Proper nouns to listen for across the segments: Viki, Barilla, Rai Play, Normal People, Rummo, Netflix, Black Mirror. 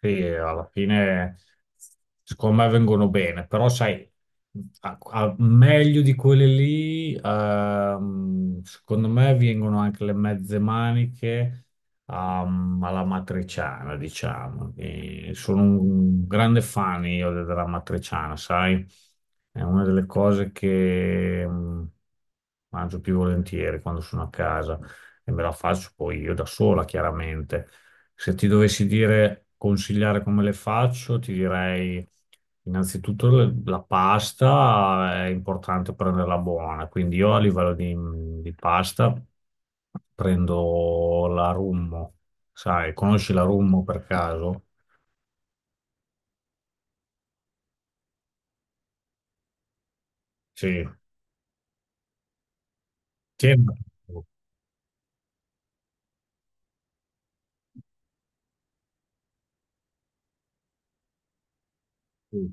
Sì, alla fine secondo me vengono bene, però sai, meglio di quelle lì, secondo me vengono anche le mezze maniche, alla matriciana, diciamo. E sono un grande fan io della matriciana, sai? È una delle cose che mangio più volentieri quando sono a casa e me la faccio poi io da sola, chiaramente. Se ti dovessi dire consigliare come le faccio, ti direi innanzitutto la pasta è importante prenderla buona, quindi io a livello di pasta prendo la Rummo, sai, conosci la Rummo per caso? Sì. Sembra. Sì.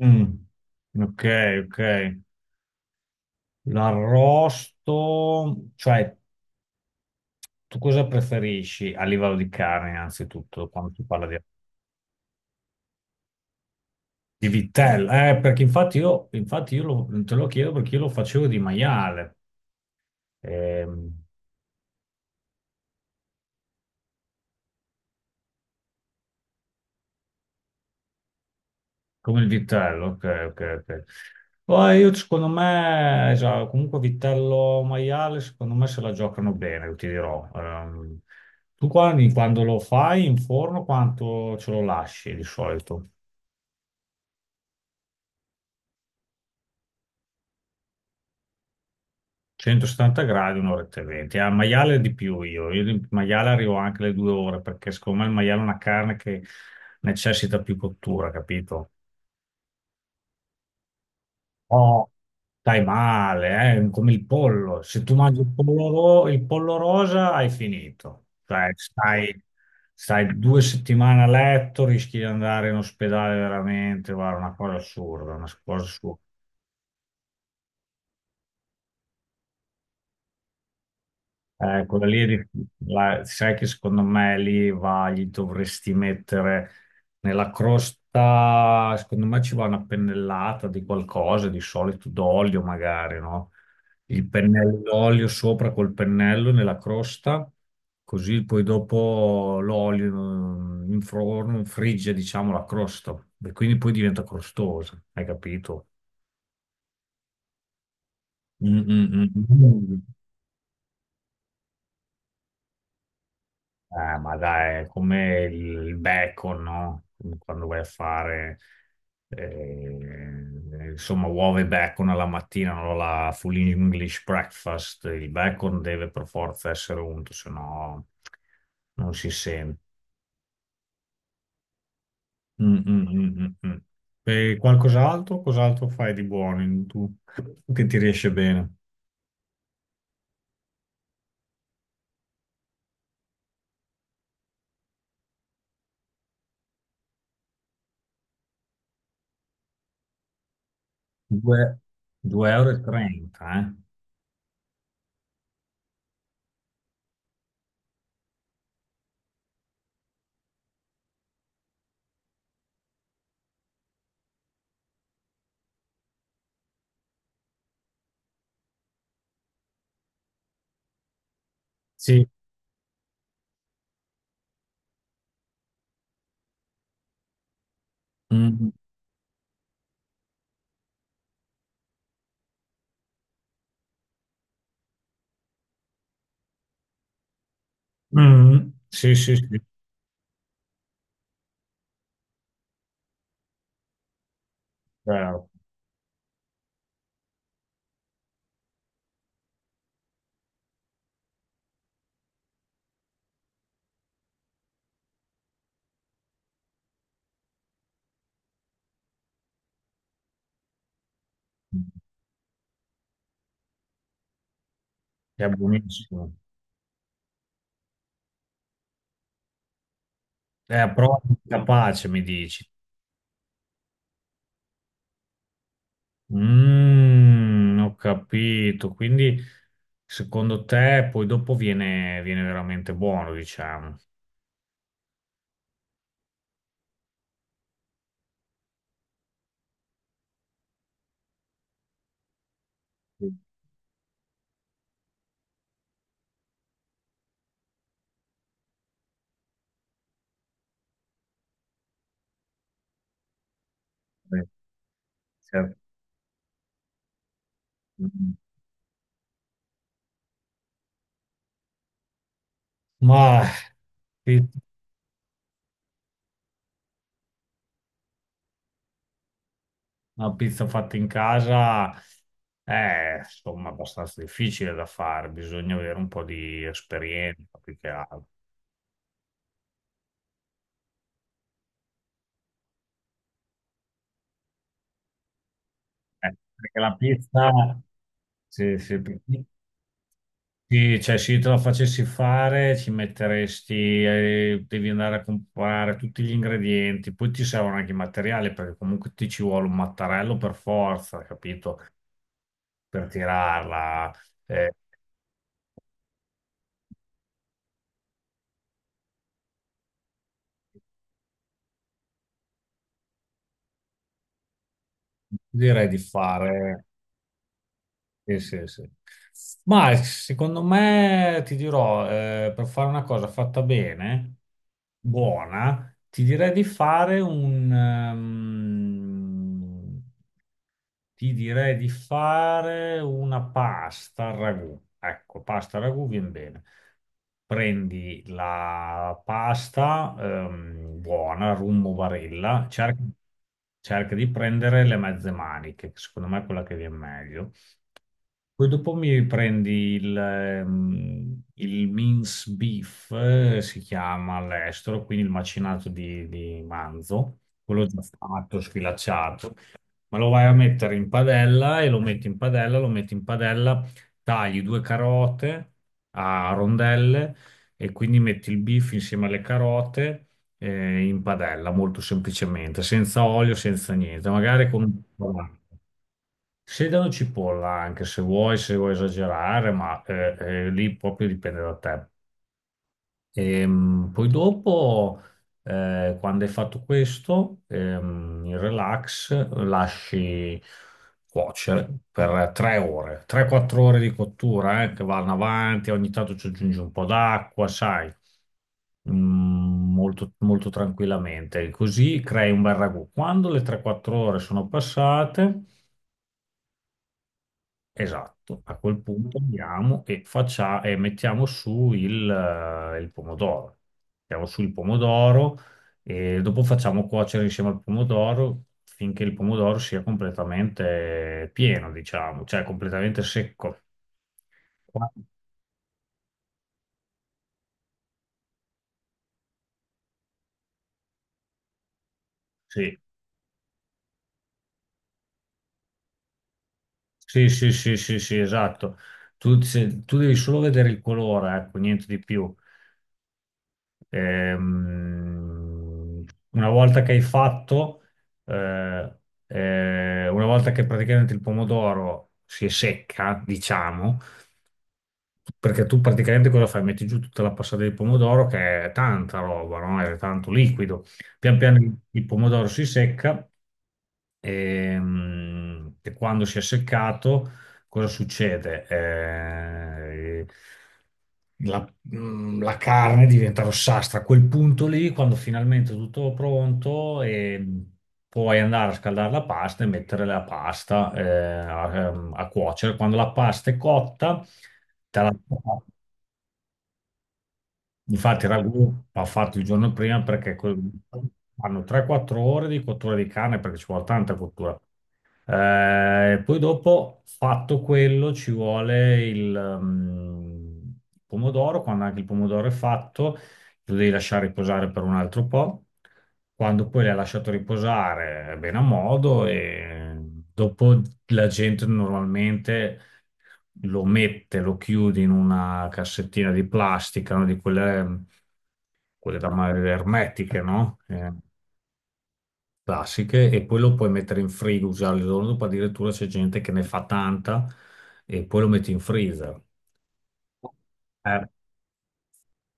Mm. Ok, ok. L'arrosto, cioè tu cosa preferisci a livello di carne innanzitutto quando si parla di. Di vitella, perché infatti io te lo chiedo perché io lo facevo di maiale, ehm, Come il vitello, ok, ok, ok. Poi io secondo me, esatto, comunque vitello maiale, secondo me se la giocano bene, io ti dirò. Tu quando lo fai in forno, quanto ce lo lasci di solito? 170 gradi, un'oretta e 20. Al maiale di più io di maiale arrivo anche alle 2 ore, perché secondo me il maiale è una carne che necessita più cottura, capito? No, stai male, come il pollo. Se tu mangi il pollo, il pollo rosa, hai finito. Cioè, stai 2 settimane a letto, rischi di andare in ospedale veramente. Guarda, una cosa assurda, una cosa assurda. Quella lì, sai che secondo me lì va, gli dovresti mettere nella crosta, secondo me ci va una pennellata di qualcosa, di solito d'olio magari, no? Il pennello d'olio sopra col pennello nella crosta, così poi dopo l'olio in forno frigge, diciamo, la crosta e quindi poi diventa crostosa, hai capito? Mm, mm, mm. Ma dai, è come il bacon, no? Quando vai a fare, insomma, uova e bacon alla mattina, no? La full English breakfast, il bacon deve per forza essere unto, se no non si sente. Mm, mm, mm, mm, mm. E qualcos'altro? Cos'altro fai di buono tu che ti riesce bene? Due- 2,30 euro, e trenta, eh? Sì. Mm. Mm. Sì, sì, sì, certo. È buonissimo. È proprio capace, mi dici. Ho capito. Quindi, secondo te, poi dopo viene veramente buono, diciamo. Sì, certo. Mm. Ma sì, una pizza fatta in casa è, insomma, abbastanza difficile da fare. Bisogna avere un po' di esperienza, più che altro. Perché la pizza. Sì, sì, sì. Sì, cioè se io te la facessi fare ci metteresti, devi andare a comprare tutti gli ingredienti, poi ti servono anche i materiali perché comunque ti ci vuole un mattarello per forza, capito? Per tirarla. Eh, direi di fare. Sì, sì, sì. Ma secondo me ti dirò, per fare una cosa fatta bene, buona, ti direi di fare ti direi di fare una pasta al ragù. Ecco, pasta al ragù viene bene. Prendi la pasta buona, Rummo Barilla, cerca di prendere le mezze maniche, che secondo me è quella che viene meglio. Poi dopo mi prendi il mince beef, si chiama all'estero, quindi il macinato di manzo, quello già fatto, sfilacciato ma lo vai a mettere in padella e lo metti in padella, tagli due carote a rondelle e quindi metti il beef insieme alle carote in padella, molto semplicemente, senza olio, senza niente, magari con un po' d'acqua. Sedano cipolla anche se vuoi, se vuoi esagerare, ma lì proprio dipende da te. Poi dopo, quando hai fatto questo, il relax lasci cuocere per 3 ore, 3-4 ore di cottura, che vanno avanti, ogni tanto ci aggiungi un po' d'acqua, sai. Molto, molto tranquillamente. Così crei un bel ragù. Quando le 3-4 ore sono passate, esatto, a quel punto andiamo e mettiamo su il pomodoro. Mettiamo su il pomodoro e dopo facciamo cuocere insieme al pomodoro finché il pomodoro sia completamente pieno, diciamo, cioè completamente secco. Qua- Sì, sì, sì, sì, sì, sì, esatto. Tu, tu devi solo vedere il colore, ecco, niente di più. Ehm, una volta che hai fatto, eh, una volta che praticamente il pomodoro si è secca, diciamo, perché tu praticamente cosa fai? Metti giù tutta la passata di pomodoro che è tanta roba, no? È tanto liquido. Pian piano il pomodoro si secca. E, quando si è seccato, cosa succede? La, la carne diventa rossastra. A quel punto lì, quando finalmente è tutto pronto, puoi andare a scaldare la pasta e mettere la pasta a cuocere. Quando la pasta è cotta, te la- infatti il ragù va fatto il giorno prima perché fanno 3-4 ore di cottura di carne perché ci vuole tanta cottura. Poi dopo, fatto quello, ci vuole il pomodoro. Quando anche il pomodoro è fatto, lo devi lasciare riposare per un altro po'. Quando poi l'hai lasciato riposare, è bene a modo e dopo la gente normalmente lo mette, lo chiude in una cassettina di plastica, no? Di quelle, quelle da ermetiche, no? Classiche e poi lo puoi mettere in frigo, usare il giorno dopo, addirittura c'è gente che ne fa tanta e poi lo metti in freezer. Eh,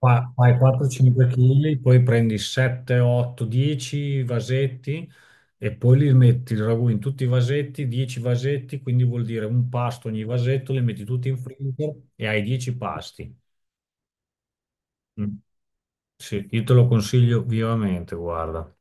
fai 4-5 kg, poi prendi 7, 8, 10 vasetti e poi li metti il ragù in tutti i vasetti, 10 vasetti, quindi vuol dire un pasto ogni vasetto, li metti tutti in freezer e hai 10 pasti. Mm. Sì, io te lo consiglio vivamente, guarda.